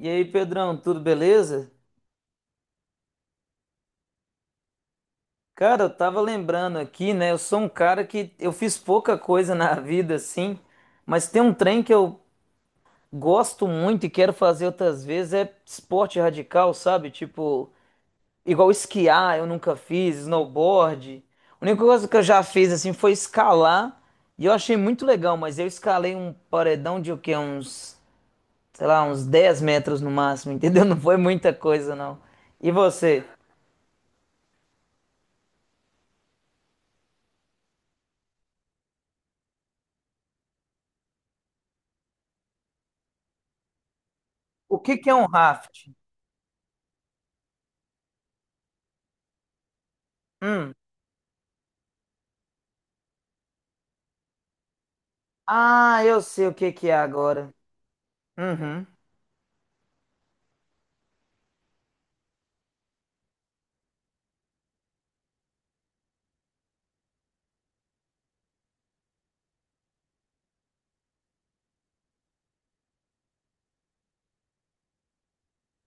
E aí, Pedrão, tudo beleza? Cara, eu tava lembrando aqui, né? Eu sou um cara que eu fiz pouca coisa na vida, assim, mas tem um trem que eu gosto muito e quero fazer outras vezes, é esporte radical, sabe? Tipo, igual esquiar, eu nunca fiz, snowboard. A única coisa que eu já fiz, assim, foi escalar, e eu achei muito legal, mas eu escalei um paredão de o quê? Uns, sei lá, uns 10 metros no máximo, entendeu? Não foi muita coisa, não. E você? O que que é um raft? Hum. Ah, eu sei o que que é agora. Uhum.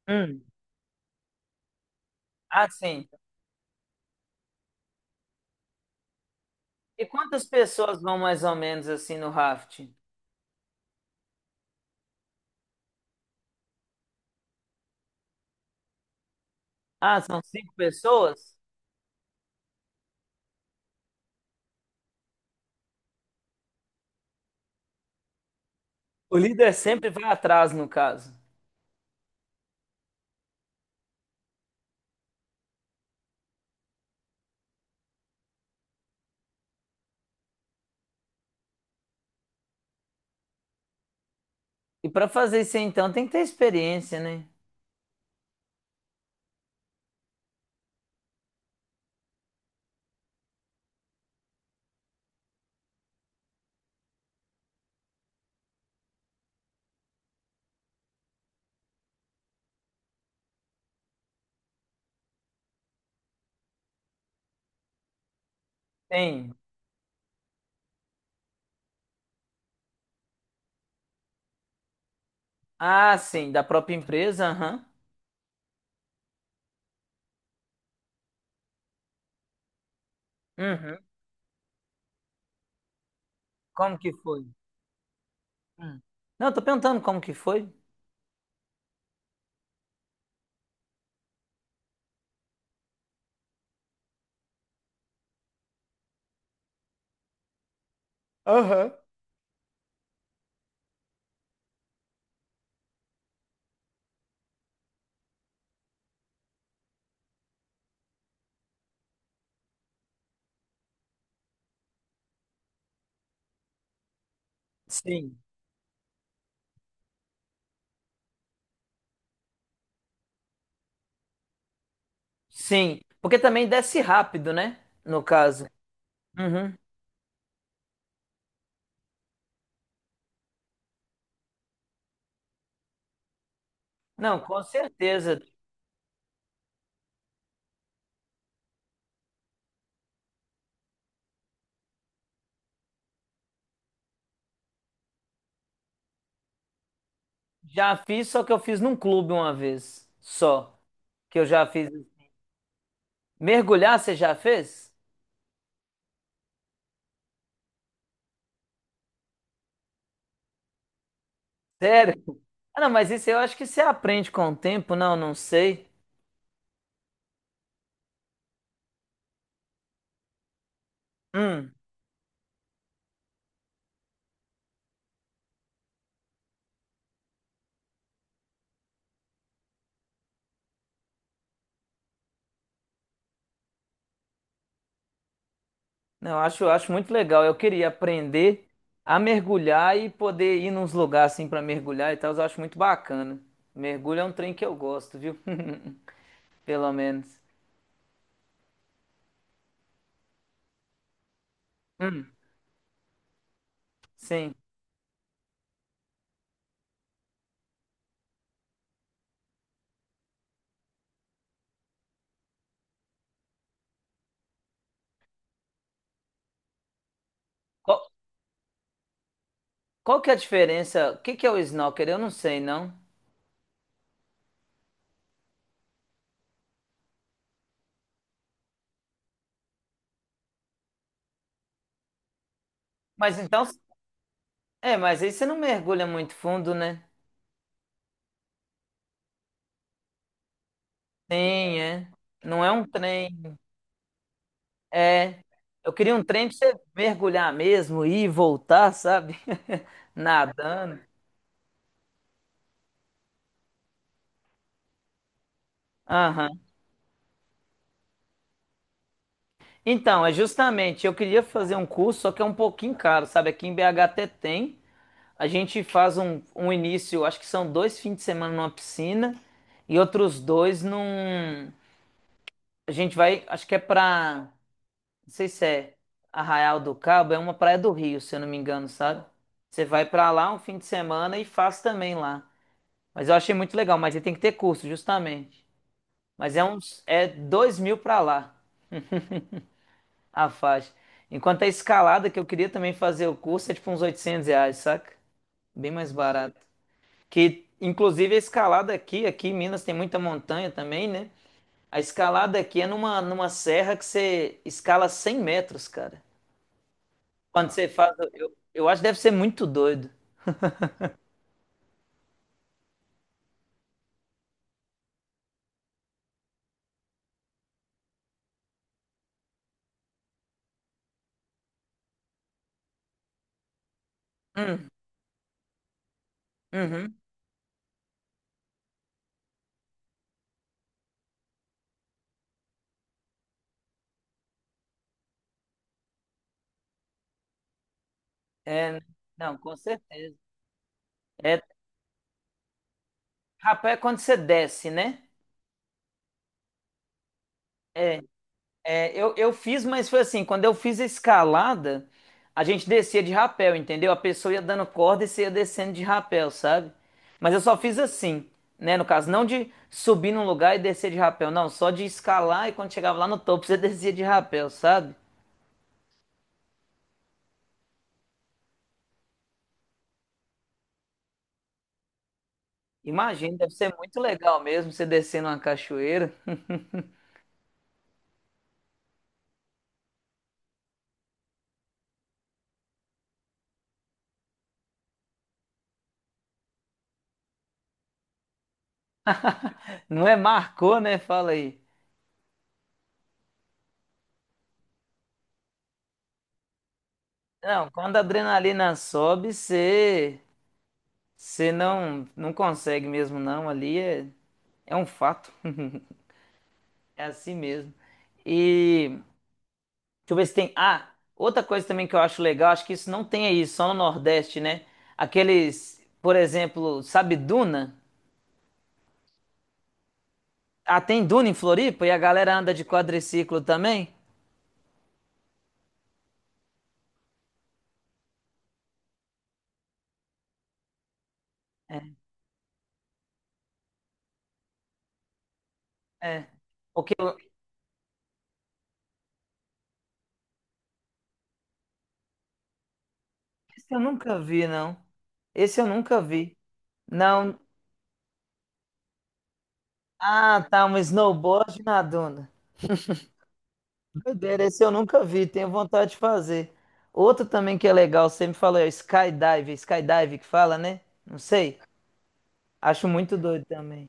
Hum. Ah, sim. E quantas pessoas vão mais ou menos assim no rafting? Ah, são cinco pessoas? O líder sempre vai atrás, no caso. E para fazer isso aí, então, tem que ter experiência, né? Tem. Ah, sim, da própria empresa, aham. Uhum. Como que foi? Hum. Não, eu tô perguntando como que foi. Aham. Sim. Sim, porque também desce rápido, né? No caso. Uhum. Não, com certeza. Já fiz, só que eu fiz num clube uma vez. Só. Que eu já fiz. Mergulhar, você já fez? Sério? Ah, não, mas isso eu acho que você aprende com o tempo. Não, não sei. Hum, não, eu acho muito legal. Eu queria aprender a mergulhar e poder ir nos lugares assim pra mergulhar e tal. Eu acho muito bacana. Mergulho é um trem que eu gosto, viu? Pelo menos. Hum, sim. Qual, qual que é a diferença? O que que é o snorkel? Eu não sei, não. Mas então, é, mas aí você não mergulha muito fundo, né? Sim, é. Não é um trem. É. Eu queria um trem pra você mergulhar mesmo, ir e voltar, sabe? Nadando. Aham. Então, é justamente, eu queria fazer um curso, só que é um pouquinho caro, sabe? Aqui em BH até tem. A gente faz um início, acho que são dois fins de semana numa piscina e outros dois num. A gente vai, acho que é pra, não sei se é Arraial do Cabo, é uma praia do Rio, se eu não me engano, sabe? Você vai pra lá um fim de semana e faz também lá. Mas eu achei muito legal, mas aí tem que ter curso, justamente. Mas é uns, é dois mil pra lá a faixa. Enquanto a escalada, que eu queria também fazer o curso, é tipo uns 800 reais, saca? Bem mais barato. Que, inclusive, a escalada aqui, aqui em Minas tem muita montanha também, né? A escalada aqui é numa, numa serra que você escala 100 metros, cara. Quando você faz, eu acho que deve ser muito doido. Uhum. É, não, com certeza. É, rapaz, é quando você desce, né? É, é, eu fiz, mas foi assim, quando eu fiz a escalada, a gente descia de rapel, entendeu? A pessoa ia dando corda e você ia descendo de rapel, sabe? Mas eu só fiz assim, né? No caso, não de subir num lugar e descer de rapel, não, só de escalar e quando chegava lá no topo, você descia de rapel, sabe? Imagina, deve ser muito legal mesmo você descendo uma cachoeira. Não é marcou, né? Fala aí. Não, quando a adrenalina sobe, você você não consegue mesmo não, ali é, é um fato. É assim mesmo. E deixa eu ver se tem. Ah, outra coisa também que eu acho legal, acho que isso não tem aí, só no Nordeste, né? Aqueles, por exemplo, sabe Duna? Ah, tem Duna em Floripa e a galera anda de quadriciclo também? É. É. Porque esse eu nunca vi, não. Esse eu nunca vi. Não, ah, tá, um snowboard na duna. Doideira, esse eu nunca vi, tenho vontade de fazer. Outro também que é legal, você me falou, é o skydive, skydive que fala, né? Não sei, acho muito doido também.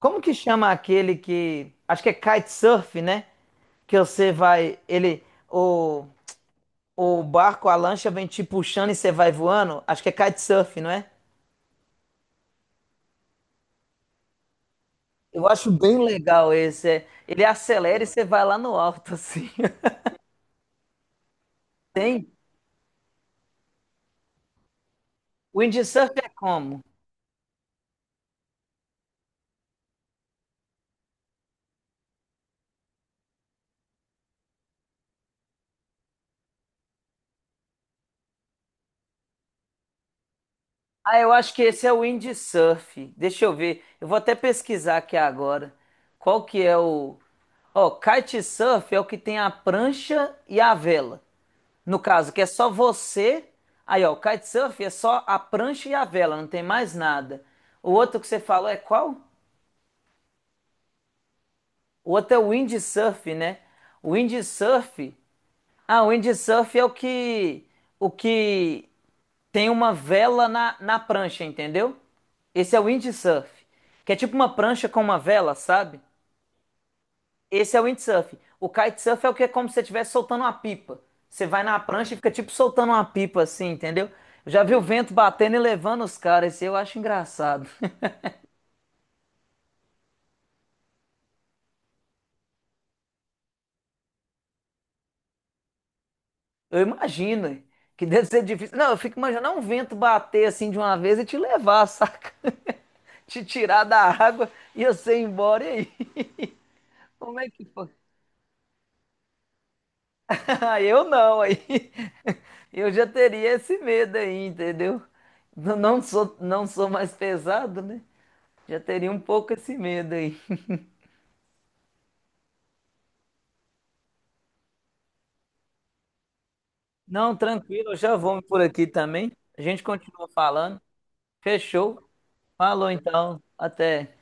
Como que chama aquele que, acho que é kitesurf, né? Que você vai, ele, o, o barco, a lancha vem te puxando e você vai voando? Acho que é kitesurf, não é? Eu acho bem legal esse, é. Ele acelera e você vai lá no alto, assim. Tem? Windsurf é como? Ah, eu acho que esse é o windsurf. Deixa eu ver. Eu vou até pesquisar aqui agora. Qual que é o. Ó, kitesurf é o que tem a prancha e a vela. No caso, que é só você. Aí, ó, o kitesurf é só a prancha e a vela, não tem mais nada. O outro que você falou é qual? O outro é o windsurf, né? O windsurf. Ah, o windsurf é o que, o que tem uma vela na prancha, entendeu? Esse é o windsurf, que é tipo uma prancha com uma vela, sabe? Esse é o windsurf. O kitesurf é o que é como se você estivesse soltando uma pipa. Você vai na prancha e fica tipo soltando uma pipa assim, entendeu? Eu já vi o vento batendo e levando os caras, isso eu acho engraçado. Eu imagino hein, que deve ser difícil. Não, eu fico imaginando um vento bater assim de uma vez e te levar, saca? Te tirar da água e você ir embora e aí. Como é que foi? Ah, eu não, aí eu já teria esse medo aí, entendeu? Não sou, não sou mais pesado, né? Já teria um pouco esse medo aí. Não, tranquilo, eu já vou por aqui também. A gente continua falando. Fechou. Falou então. Até.